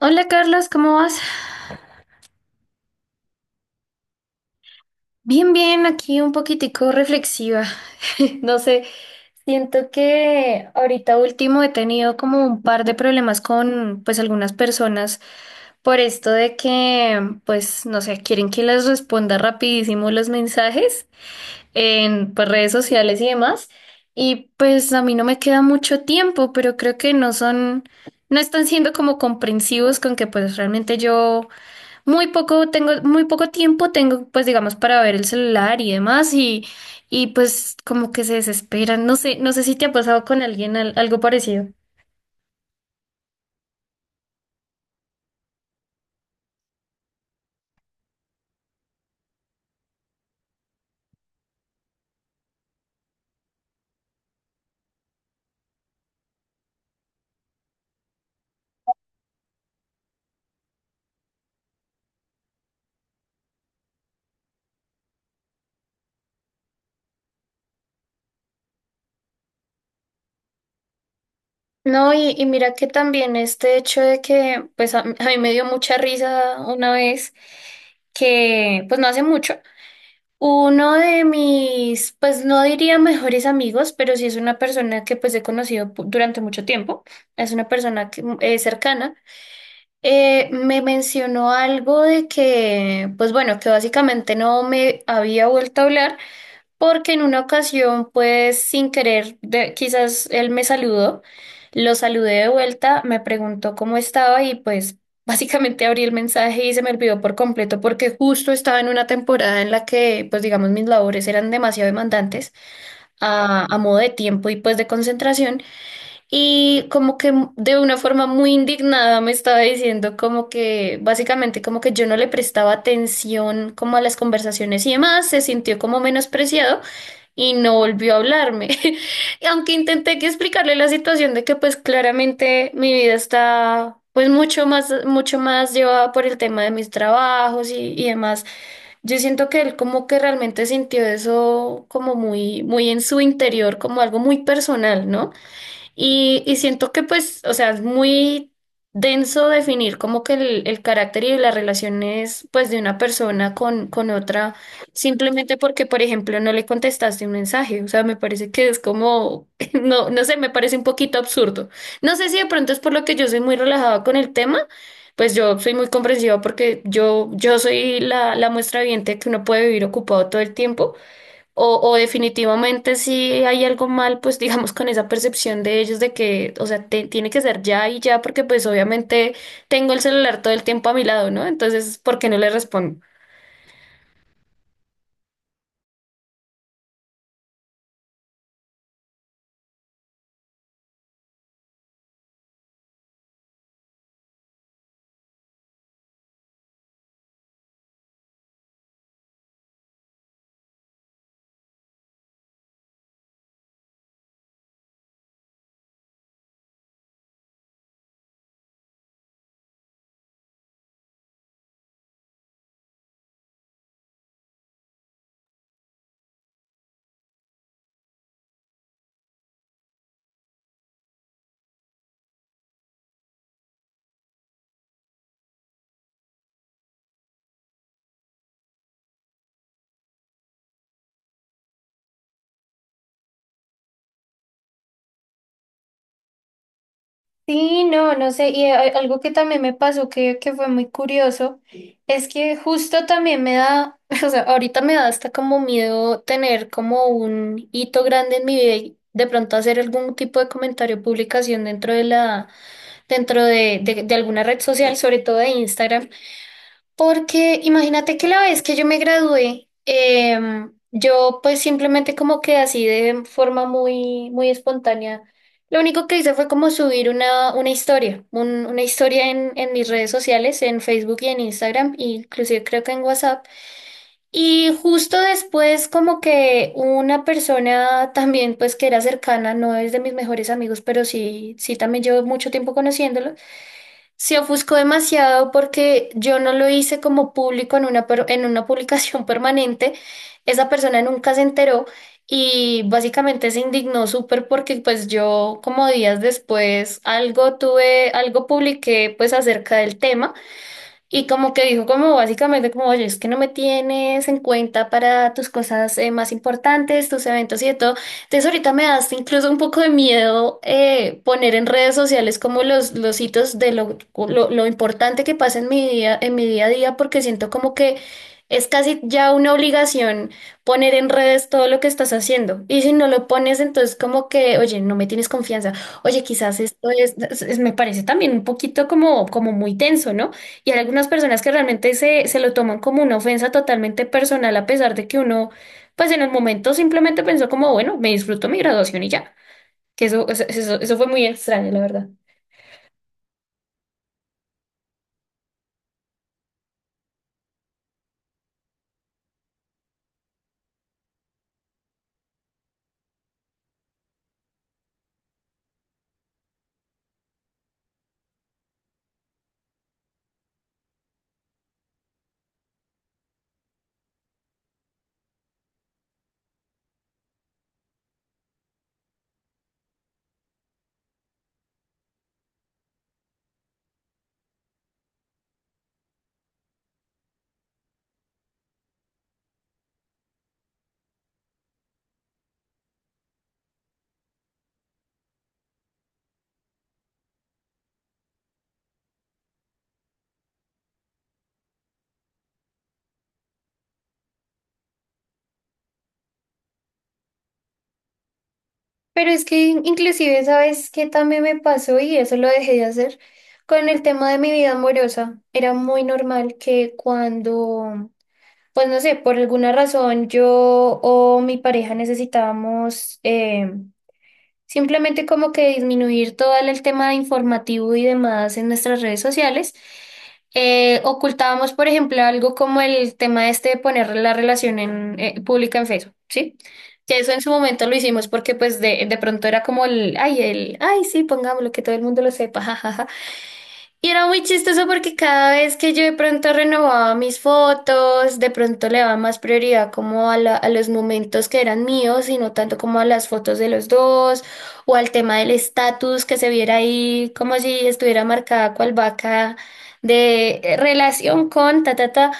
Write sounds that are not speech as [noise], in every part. Hola Carlos, ¿cómo vas? Bien, bien, aquí un poquitico reflexiva. [laughs] No sé, siento que ahorita último he tenido como un par de problemas con pues algunas personas por esto de que pues no sé, quieren que les responda rapidísimo los mensajes en pues, redes sociales y demás. Y pues a mí no me queda mucho tiempo, pero creo que no están siendo como comprensivos con que pues realmente yo Muy poco tengo, muy poco tiempo tengo, pues digamos, para ver el celular y demás, y pues como que se desesperan. No sé, si te ha pasado con alguien algo parecido. No, y mira que también este hecho de que, pues a mí me dio mucha risa una vez, que pues no hace mucho, uno de mis, pues no diría mejores amigos, pero sí es una persona que pues he conocido durante mucho tiempo, es una persona que, cercana. Me mencionó algo de que, pues bueno, que básicamente no me había vuelto a hablar porque en una ocasión, pues sin querer, quizás él me saludó, lo saludé de vuelta, me preguntó cómo estaba y pues [laughs] básicamente abrí el mensaje y se me olvidó por completo porque justo estaba en una temporada en la que, pues digamos, mis labores eran demasiado demandantes a modo de tiempo y pues de concentración. Y como que de una forma muy indignada me estaba diciendo como que básicamente como que yo no le prestaba atención como a las conversaciones y demás, se sintió como menospreciado y no volvió a hablarme. [laughs] Y aunque intenté que explicarle la situación de que pues claramente mi vida está pues mucho más llevada por el tema de mis trabajos y demás. Yo siento que él como que realmente sintió eso como muy muy en su interior, como algo muy personal, ¿no? Y siento que pues, o sea, es muy denso definir como que el carácter y las relaciones pues de una persona con otra, simplemente porque, por ejemplo, no le contestaste un mensaje. O sea, me parece que es como, [laughs] no sé, me parece un poquito absurdo. No sé si de pronto es por lo que yo soy muy relajada con el tema, pues yo soy muy comprensiva porque yo soy la muestra viviente que uno puede vivir ocupado todo el tiempo. O definitivamente si hay algo mal, pues [laughs] digamos con esa percepción de ellos de que, o sea, tiene que ser ya y ya, porque pues obviamente tengo el celular todo el tiempo a mi lado, ¿no? Entonces, ¿por qué no le respondo? Sí, no sé, y algo que también me pasó que fue muy curioso, es que justo también me da, [laughs] o sea, ahorita me da hasta como miedo tener como un hito grande en mi vida y de pronto hacer algún tipo de comentario, o publicación dentro de alguna red social, sobre todo de Instagram, porque imagínate que la vez que yo me gradué, yo pues simplemente como que así de forma muy, muy espontánea, lo único que hice fue como subir una historia, una historia en mis redes sociales, en Facebook y en Instagram, e inclusive creo que en WhatsApp. Y justo después como que una persona también pues que era cercana, no es de mis mejores amigos, pero sí, sí también llevo mucho tiempo conociéndolo, se ofuscó demasiado porque yo no lo hice como público en en una publicación [laughs] permanente. Esa persona nunca se enteró y básicamente se indignó súper porque pues yo como días después algo publiqué pues acerca del tema. Y como que dijo, como básicamente, como, oye, es que no me tienes en cuenta para tus cosas más importantes, tus eventos y de todo. Entonces ahorita me das incluso un poco de miedo poner en redes sociales como los hitos de lo importante que pasa en mi día a día, porque siento como que es casi ya una obligación poner en redes todo lo que estás haciendo. Y si no lo pones, entonces como que, oye, no me tienes confianza. Oye, quizás esto me parece también un poquito como, muy tenso, ¿no? Y hay algunas personas que realmente se lo toman como una ofensa totalmente personal, a pesar de que uno, pues en el momento simplemente pensó como, bueno, me disfruto mi graduación y ya. Que eso fue muy extraño, la verdad. Pero es que inclusive, ¿sabes qué también me pasó? Y eso lo dejé de hacer con el tema de mi vida amorosa. Era muy normal que cuando, pues no sé, por alguna razón yo o mi pareja necesitábamos simplemente como que disminuir todo el tema de informativo y demás en nuestras redes sociales. Ocultábamos, por ejemplo, algo como el tema este de poner la relación en, pública en Facebook, ¿sí? Que eso en su momento lo hicimos porque pues de pronto era como el, ay, sí, pongámoslo, que todo el mundo lo sepa, [laughs] jajaja. Y era muy chistoso porque cada vez que yo de pronto renovaba mis fotos, de pronto le daba más prioridad como a, a los momentos que eran míos y no tanto como a las fotos de los dos o al tema del estatus que se viera ahí como si estuviera marcada cual vaca de relación con ta ta ta.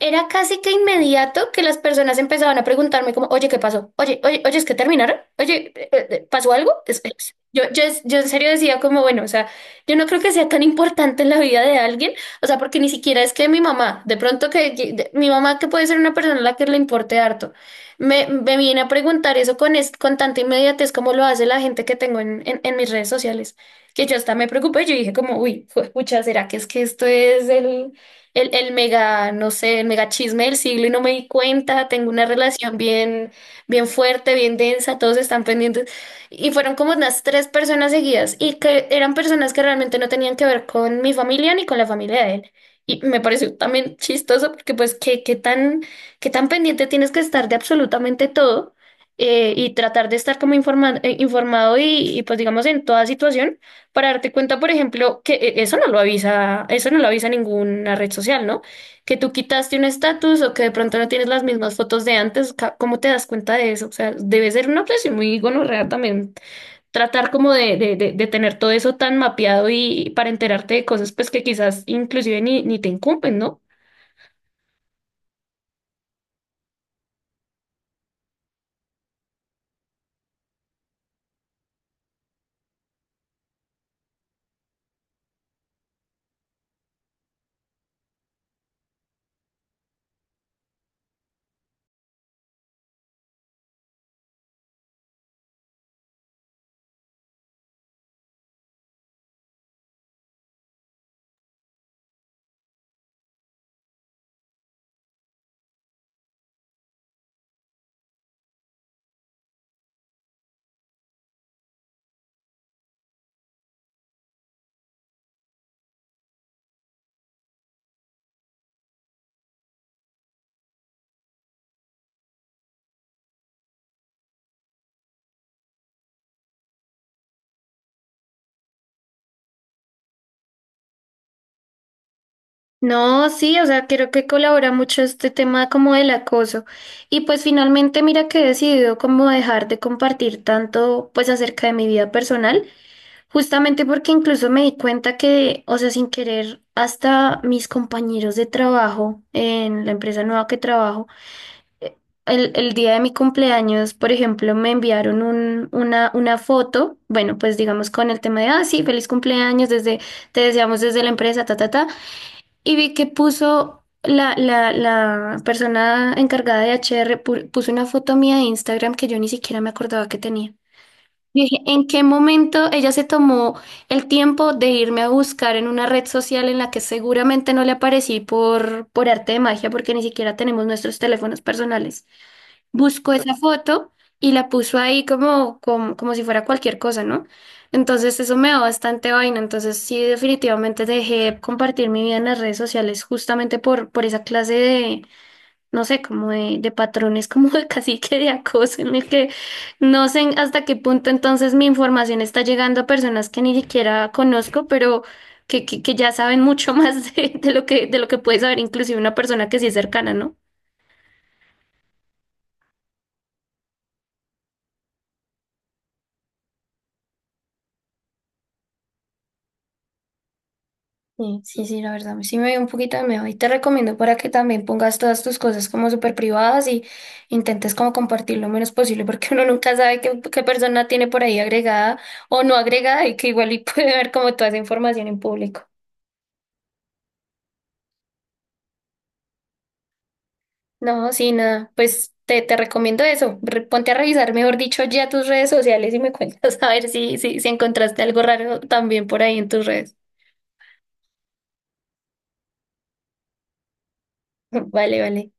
Era casi que inmediato que las personas empezaban a preguntarme como, oye, ¿qué pasó? Oye, oye, oye, ¿es que terminaron? Oye, ¿pasó algo? Yo, yo en serio decía como, bueno, o sea, yo no creo que sea tan importante en la vida de alguien, o sea, porque ni siquiera es que mi mamá, de pronto mi mamá que puede ser una persona a la que le importe harto, me viene a preguntar eso con, con tanta inmediatez como lo hace la gente que tengo en mis redes sociales, que yo hasta me preocupé, yo dije como, uy, pucha, ¿será que es que esto es el mega, no sé, el mega chisme del siglo y no me di cuenta, tengo una relación bien, bien fuerte, bien densa, todos están pendientes. Y fueron como unas tres personas seguidas y que eran personas que realmente no tenían que ver con mi familia ni con la familia de él. Y me pareció también chistoso porque pues qué tan pendiente tienes que estar de absolutamente todo y tratar de estar como informado y pues digamos en toda situación. Para darte cuenta, por ejemplo, que eso no lo avisa, eso no lo avisa ninguna red social, ¿no? Que tú quitaste un estatus o que de pronto no tienes las mismas fotos de antes, ¿cómo te das cuenta de eso? O sea, debe ser una obsesión muy gonorrea también tratar como de tener todo eso tan mapeado y para enterarte de cosas pues que quizás inclusive ni te incumben, ¿no? No, sí, o sea, creo que colabora mucho este tema como del acoso. Y pues finalmente mira que he decidido como dejar de compartir tanto pues acerca de mi vida personal. Justamente porque incluso me di cuenta que, o sea, sin querer, hasta mis compañeros de trabajo en la empresa nueva que trabajo, eh, el día de mi cumpleaños, por ejemplo, me enviaron una foto, bueno, pues digamos con el tema de, ah, sí, feliz cumpleaños, desde, te deseamos desde la empresa, ta, ta, ta, y vi que puso la persona encargada de HR, puso una foto mía de Instagram que yo ni siquiera me acordaba que tenía. Yo dije, ¿en qué momento ella se tomó el tiempo de irme a buscar en una red social en la que seguramente no le aparecí por arte de magia, porque ni siquiera tenemos nuestros teléfonos personales? Buscó esa foto y la puso ahí como si fuera cualquier cosa, ¿no? Entonces eso me da bastante vaina. Entonces sí, definitivamente dejé compartir mi vida en las redes sociales justamente por esa clase de, no sé, como de patrones, [laughs] como de cacique de acoso, en el que no sé hasta qué punto entonces mi información está llegando a personas que ni siquiera conozco, pero que ya saben mucho [laughs] más de lo que puede saber inclusive una persona que sí es cercana, ¿no? Sí, sí, sí, la verdad, sí me dio un poquito de miedo y te recomiendo para que también pongas todas tus cosas como súper privadas y intentes como compartir lo menos posible porque uno nunca sabe qué persona tiene por ahí agregada o no agregada y que igual y [laughs] puede ver como toda esa información en público. No, sí, nada. Pues te recomiendo eso. Ponte a revisar, mejor dicho, ya tus redes sociales y me cuentas [laughs] a ver si encontraste algo raro también por ahí en tus redes. [laughs] Vale, vale.